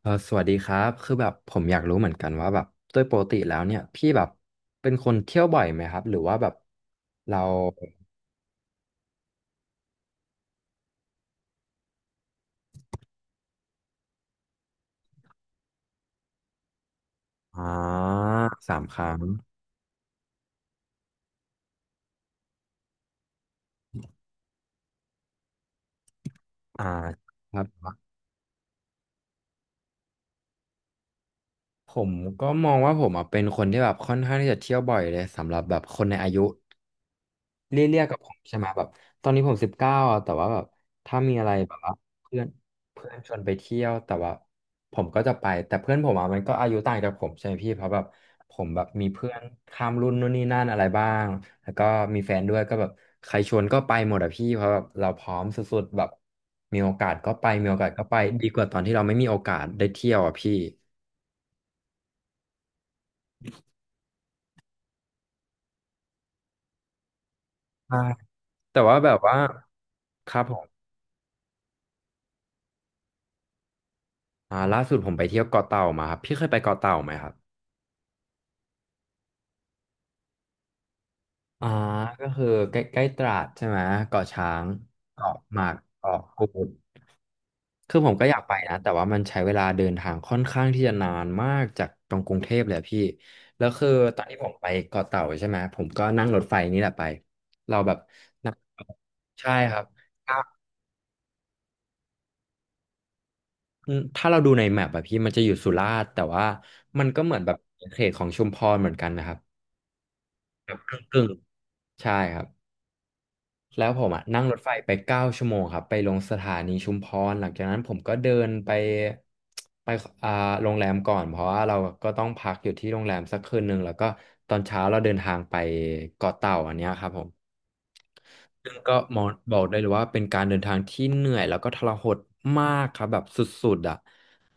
เออสวัสดีครับคือแบบผมอยากรู้เหมือนกันว่าแบบโดยปกติแล้วเนี่ยพี่แบบเป็นคนเที่ยวบ่อยไหมครับหรือว่าแบบเราอ่า3 ครั้งอ่าครับผมก็มองว่าผมอะเป็นคนที่แบบค่อนข้างที่จะเที่ยวบ่อยเลยสำหรับแบบคนในอายุ เลี่ยๆกับผมใช่ไหมแบบตอนนี้ผม19อ่ะแต่ว่าแบบถ้ามีอะไรแบบว่าเพื่อนเพื่อนชวนไปเที่ยวแต่ว่าผมก็จะไปแต่เพื่อนผมอ่ะมันก็อายุต่างจากผมใช่ไหมพี่เพราะแบบผมแบบมีเพื่อนข้ามรุ่นนู่นนี่นั่นอะไรบ้างแล้วก็มีแฟนด้วยก็แบบใครชวนก็ไปหมดอะพี่เพราะแบบเราพร้อมสุดๆแบบมีโอกาสก็ไปมีโอกาสก็ไปดีกว่าตอนที่เราไม่มีโอกาสได้เที่ยวอะพี่ใช่แต่ว่าแบบว่าครับผมอ่าล่าสุดผมไปเที่ยวเกาะเต่ามาครับพี่เคยไปเกาะเต่าไหมครับ อ่าก็คือใกล้ใกล้ตราดใช่ไหมเกาะช้างเกาะหมากเกาะกูดคือผมก็อยากไปนะแต่ว่ามันใช้เวลาเดินทางค่อนข้างที่จะนานมากจากตรงกรุงเทพเลยอะพี่แล้วคือตอนที่ผมไปเกาะเต่าใช่ไหมผมก็นั่งรถไฟนี่แหละไปเราแบบใช่ครับถ้าถ้าเราดูในแมปอะพี่มันจะอยู่สุราษฎร์แต่ว่ามันก็เหมือนแบบเขตของชุมพรเหมือนกันนะครับแบบกึ่งๆใช่ครับ แล้วผมอ่ะนั่งรถไฟไปเก้าชั่วโมงครับไปลงสถานีชุมพรหลังจากนั้นผมก็เดินไปอ่าโรงแรมก่อนเพราะว่าเราก็ต้องพักอยู่ที่โรงแรมสักคืนหนึ่งแล้วก็ตอนเช้าเราเดินทางไปเกาะเต่าอันเนี้ยครับผมซึ่งก็มองบอกได้เลยว่าเป็นการเดินทางที่เหนื่อยแล้วก็ทรหดมากครับแบบสุดๆอ่ะ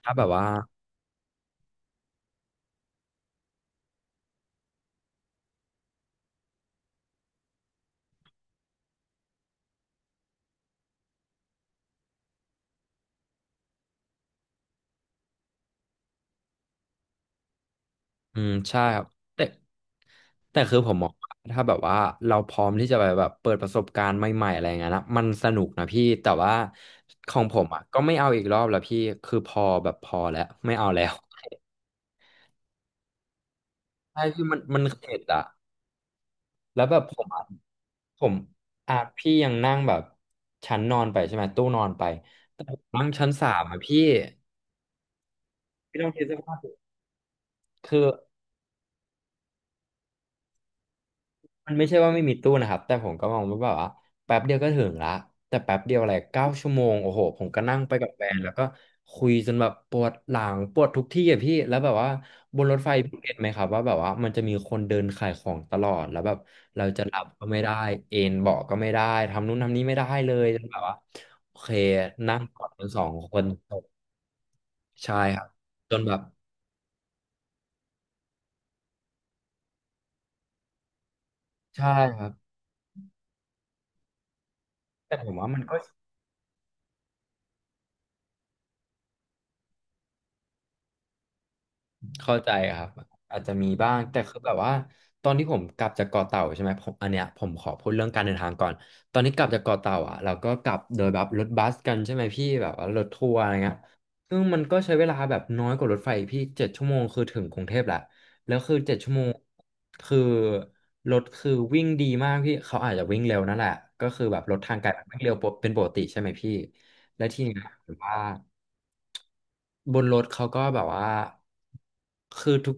ถ้าแบบว่า อืมใช่ครับแต่แต่คือผมมองว่าถ้าแบบว่าเราพร้อมที่จะไปแบบเปิดประสบการณ์ใหม่ๆอะไรเงี้ยนะมันสนุกนะพี่แต่ว่าของผมอ่ะก็ไม่เอาอีกรอบแล้วพี่คือพอแบบพอแล้วไม่เอาแล้วใช่พี่มันเข็ดอะแล้วแบบผมอ่ะพี่ยังนั่งแบบชั้นนอนไปใช่ไหมตู้นอนไปแต่ผมนั่งชั้นสามอะพี่พี่ต้องคิดสภาพคือ มันไม่ใช่ว่าไม่มีตู้นะครับแต่ผมก็มองว่าแบบว่าแป๊บเดียวก็ถึงละแต่แป๊บเดียวอะไรเก้าชั่วโมงโอ้โหผมก็นั่งไปกับแฟนแล้วก็คุยจนแบบปวดหลังปวดทุกที่อะพี่แล้วแบบว่าบนรถไฟพี่เห็นไหมครับว่าแบบว่ามันจะมีคนเดินขายของตลอดแล้วแบบเราจะหลับก็ไม่ได้เอนเบาะก็ไม่ได้ทำนู่นทำนี้ไม่ได้เลยจนแบบว่าโอเคนั่งกอดกันสองคนจบใช่ครับจนแบบใช่ครับแต่ผมว่ามันก็ เข้าใจครับอาจจะมีบ้างแต่คือแบบว่าตอนที่ผมกลับจากเกาะเต่าใช่ไหมผมอันเนี้ยผมขอพูดเรื่องการเดินทางก่อนตอนนี้กลับจากเกาะเต่าอ่ะเราก็กลับโดยแบบรถบัสกันใช่ไหมพี่แบบว่ารถทัวร์อะไรเงี้ยซึ่งมันก็ใช้เวลาแบบน้อยกว่ารถไฟพี่เจ็ดชั่วโมงคือถึงกรุงเทพแหละแล้วคือเจ็ดชั่วโมงคือรถคือวิ่งดีมากพี่เขาอาจจะวิ่งเร็วนั่นแหละก็คือแบบรถทางไกลมันวิ่งเร็วเป็นปกติใช่ไหมพี่และทีเนี้ยผมว่า บนรถเขาก็แบบว่าคือทุก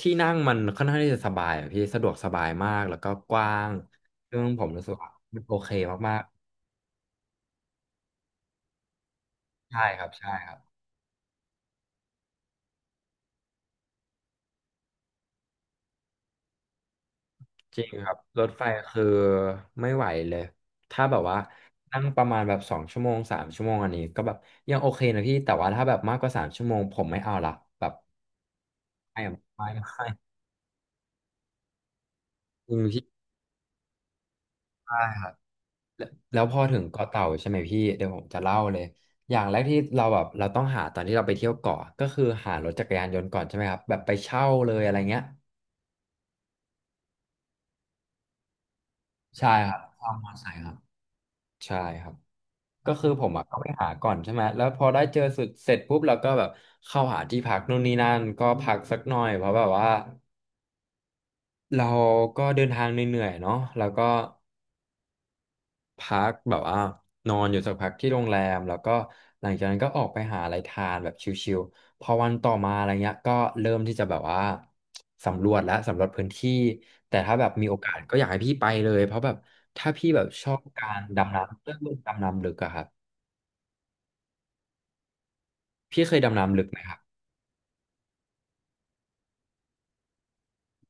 ที่นั่งมันค่อนข้างที่จะสบายอะพี่สะดวกสบายมากแล้วก็กว้างซึ่งผมรู้สึกว่ามันโอเคมากๆใช่ครับใช่ครับจริงครับรถไฟคือไม่ไหวเลยถ้าแบบว่านั่งประมาณแบบ2 ชั่วโมงสามชั่วโมงอันนี้ก็แบบยังโอเคนะพี่แต่ว่าถ้าแบบมากกว่าสามชั่วโมงผมไม่เอาละแบบไม่ไม่ไม่จริงพี่ใช่ แล้วพอถึงเกาะเต่าใช่ไหมพี่เดี๋ยวผมจะเล่าเลยอย่างแรกที่เราแบบเราต้องหาตอนที่เราไปเที่ยวเกาะก็คือหารถจักรยานยนต์ก่อนใช่ไหมครับแบบไปเช่าเลยอะไรเงี้ยใช่ครับเช่ามอเตอร์ไซค์ครับใช่ครับก็คือผมอ่ะก็ไปหาก่อนใช่ไหมแล้วพอได้เจอสุดเสร็จปุ๊บเราก็แบบเข้าหาที่พักนู่นนี่นั่นก็พักสักหน่อยเพราะแบบว่าเราก็เดินทางเหนื่อยๆเนาะแล้วก็ พักแบบว่านอนอยู่สักพักที่โรงแรมแล้วก็หลังจากนั้นก็ออกไปหาอะไรทานแบบชิลๆพอวันต่อมาอะไรเงี้ยก็เริ่มที่จะแบบว่าสำรวจและสำรวจพื้นที่แต่ถ้าแบบมีโอกาสก็อยากให้พี่ไปเลยเพราะแบบถ้าพี่แบบชอบการดำน้ำเรื่องดำน้ำลึกอะครับพี่เคยดำน้ำลึกไหมครับ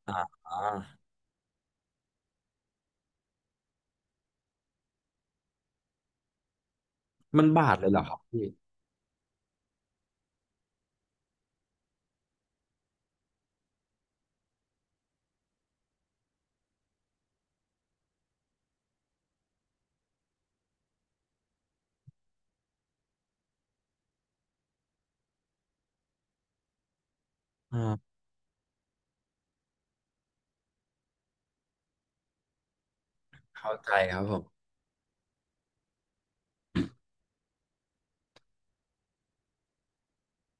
อ่าอ่ามันบาดเลยเหรอครับพี่อ่าเข้าใจครับผม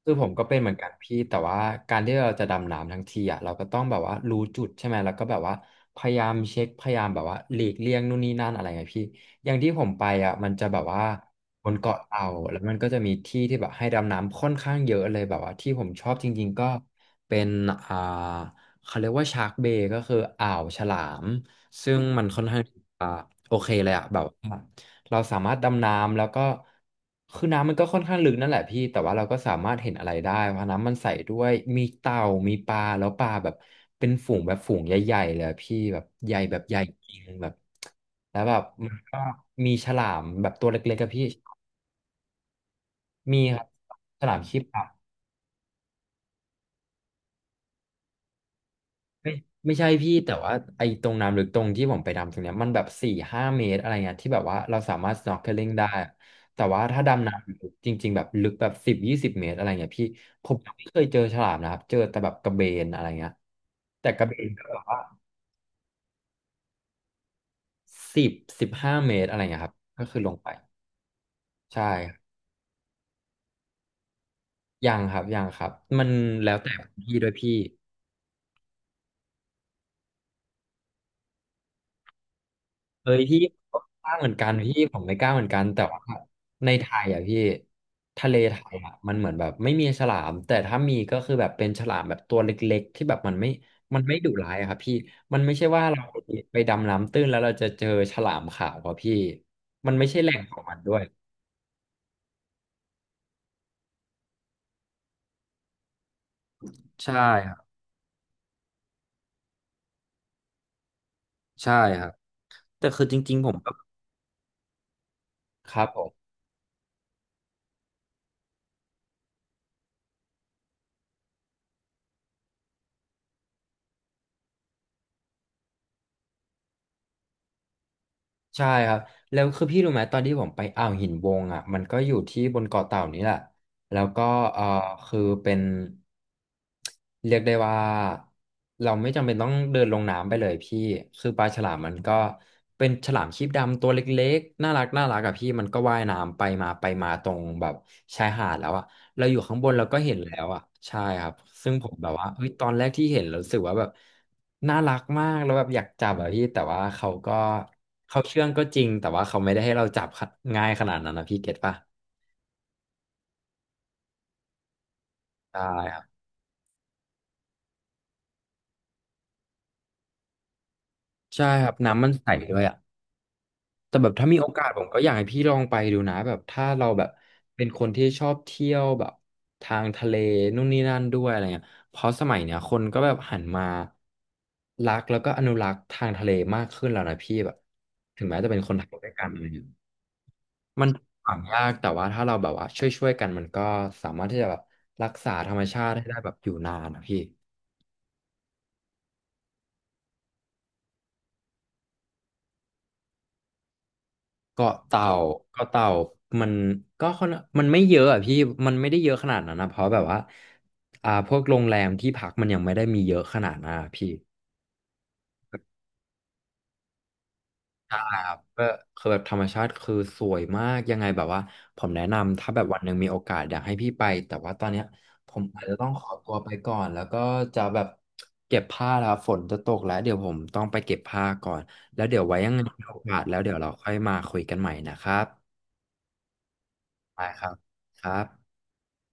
คือผมก็เป็นเหมือนกันพี่แต่ว่าการที่เราจะดำน้ำทั้งทีอ่ะเราก็ต้องแบบว่ารู้จุดใช่ไหมแล้วก็แบบว่าพยายามเช็คพยายามแบบว่าหลีกเลี่ยงนู่นนี่นั่นอะไรไงพี่อย่างที่ผมไปอ่ะมันจะแบบว่าบนเกาะเต่าแล้วมันก็จะมีที่ที่แบบให้ดำน้ำค่อนข้างเยอะเลยแบบว่าที่ผมชอบจริงๆก็เป็นอ่าเขาเรียกว่าชาร์กเบย์ก็คืออ่าวฉลามซึ่งมันค่อนข้างอ่าโอเคเลยอ่ะแบบว่า เราสามารถดำน้ำแล้วก็คือน้ำมันก็ค่อนข้างลึกนั่นแหละพี่แต่ว่าเราก็สามารถเห็นอะไรได้เพราะน้ำมันใสด้วยมีเต่ามีปลาแล้วปลาแบบเป็นฝูงแบบฝูงใหญ่ๆเลยอะพี่แบบใหญ่แบบใหญ่จริงแบบแล้วแบบมันก็มีฉลามแบบตัวเล็กๆกับพี่มีครับฉลามครีบขาว ไม่ไม่ใช่พี่แต่ว่าไอ้ตรงน้ำลึกตรงที่ผมไปดำตรงเนี้ยมันแบบ4-5 เมตรอะไรเงี้ยที่แบบว่าเราสามารถ snorkeling ได้อะแต่ว่าถ้าดำน้ำลึกจริงๆแบบลึกแบบ10-20 เมตรอะไรเงี้ยพี่ผมยังไม่เคยเจอฉลามนะครับเจอแต่แบบกระเบนอะไรเงี้ยแต่กระเบนก็แบบว่าสิบ15 เมตรอะไรเงี้ยครับก็คือลงไปใช่ครับยังครับยังครับมันแล้วแต่พี่ด้วยพี่ เฮ้ยพี่ผมกล้าเหมือนกันพี่ผมไม่กล้าเหมือนกันแต่ว่าในไทยอ่ะพี่ทะเลไทยอ่ะมันเหมือนแบบไม่มีฉลามแต่ถ้ามีก็คือแบบเป็นฉลามแบบตัวเล็กๆที่แบบมันไม่มันไม่ดุร้ายอะครับพี่มันไม่ใช่ว่าเราไปดำน้ำตื้นแล้วเราจะเจอฉลามขาวครับพี่มันไม่ใช่แหล่งของมันด้วยใช่ครับใช่ครับแต่คือจริงๆผมก็ครับผมใช่ครับแล้วคือพี่รู้ไหมตอนที่ผมไปอ่าวหินวงอ่ะมันก็อยู่ที่บนเกาะเต่านี้แหละ แล้วก็เอ่อคือเป็นเรียกได้ว่าเราไม่จำเป็นต้องเดินลงน้ำไปเลยพี่คือปลาฉลามมันก็เป็นฉลามครีบดำตัวเล็กๆน่ารักน่ารักอะพี่มันก็ว่ายน้ำไปมาไปมาตรงแบบชายหาดแล้วอะเราอยู่ข้างบนเราก็เห็นแล้วอะใช่ครับซึ่งผมแบบว่าเฮ้ยตอนแรกที่เห็นเรารู้สึกว่าแบบน่ารักมากแล้วแบบอยากจับอะพี่แต่ว่าเขาก็เขาเชื่องก็จริงแต่ว่าเขาไม่ได้ให้เราจับง่ายขนาดนั้นนะพี่เก็ตปะใช่ ใช่ครับน้ำมันใสด้วยอ่ะแต่แบบถ้ามีโอกาสผมก็อยากให้พี่ลองไปดูนะแบบถ้าเราแบบเป็นคนที่ชอบเที่ยวแบบทางทะเลนู่นนี่นั่นด้วยอะไรเงี้ยเพราะสมัยเนี้ยคนก็แบบหันมารักแล้วก็อนุรักษ์ทางทะเลมากขึ้นแล้วนะพี่แบบถึงแม้จะเป็นคนไทยด้วยกันอะไรเงี้ยมันฝังยากแต่ว่าถ้าเราแบบว่าช่วยๆกันมันก็สามารถที่จะแบบรักษาธรรมชาติให้ได้แบบอยู่นานนะพี่ เกาะเต่าเกาะเต่ามันก็ค่อนไม่เยอะอ่ะพี่มันไม่ได้เยอะขนาดนั้นนะเพราะแบบว่าพวกโรงแรมที่พักมันยังไม่ได้มีเยอะขนาดนั้นอะพี่ครับก็คือแบบธรรมชาติคือสวยมากยังไงแบบว่าผมแนะนำถ้าแบบวันหนึ่งมีโอกาสอยากให้พี่ไปแต่ว่าตอนเนี้ยผมอาจจะต้องขอตัวไปก่อนแล้วก็จะแบบเก็บผ้าแล้วฝนจะตกแล้วเดี๋ยวผมต้องไปเก็บผ้าก่อนแล้วเดี๋ยวไว้ยังไงมีโอกาสแล้วเดี๋ยวเราค่อยมาคุยกันใหม่นะครับได้ครับครับ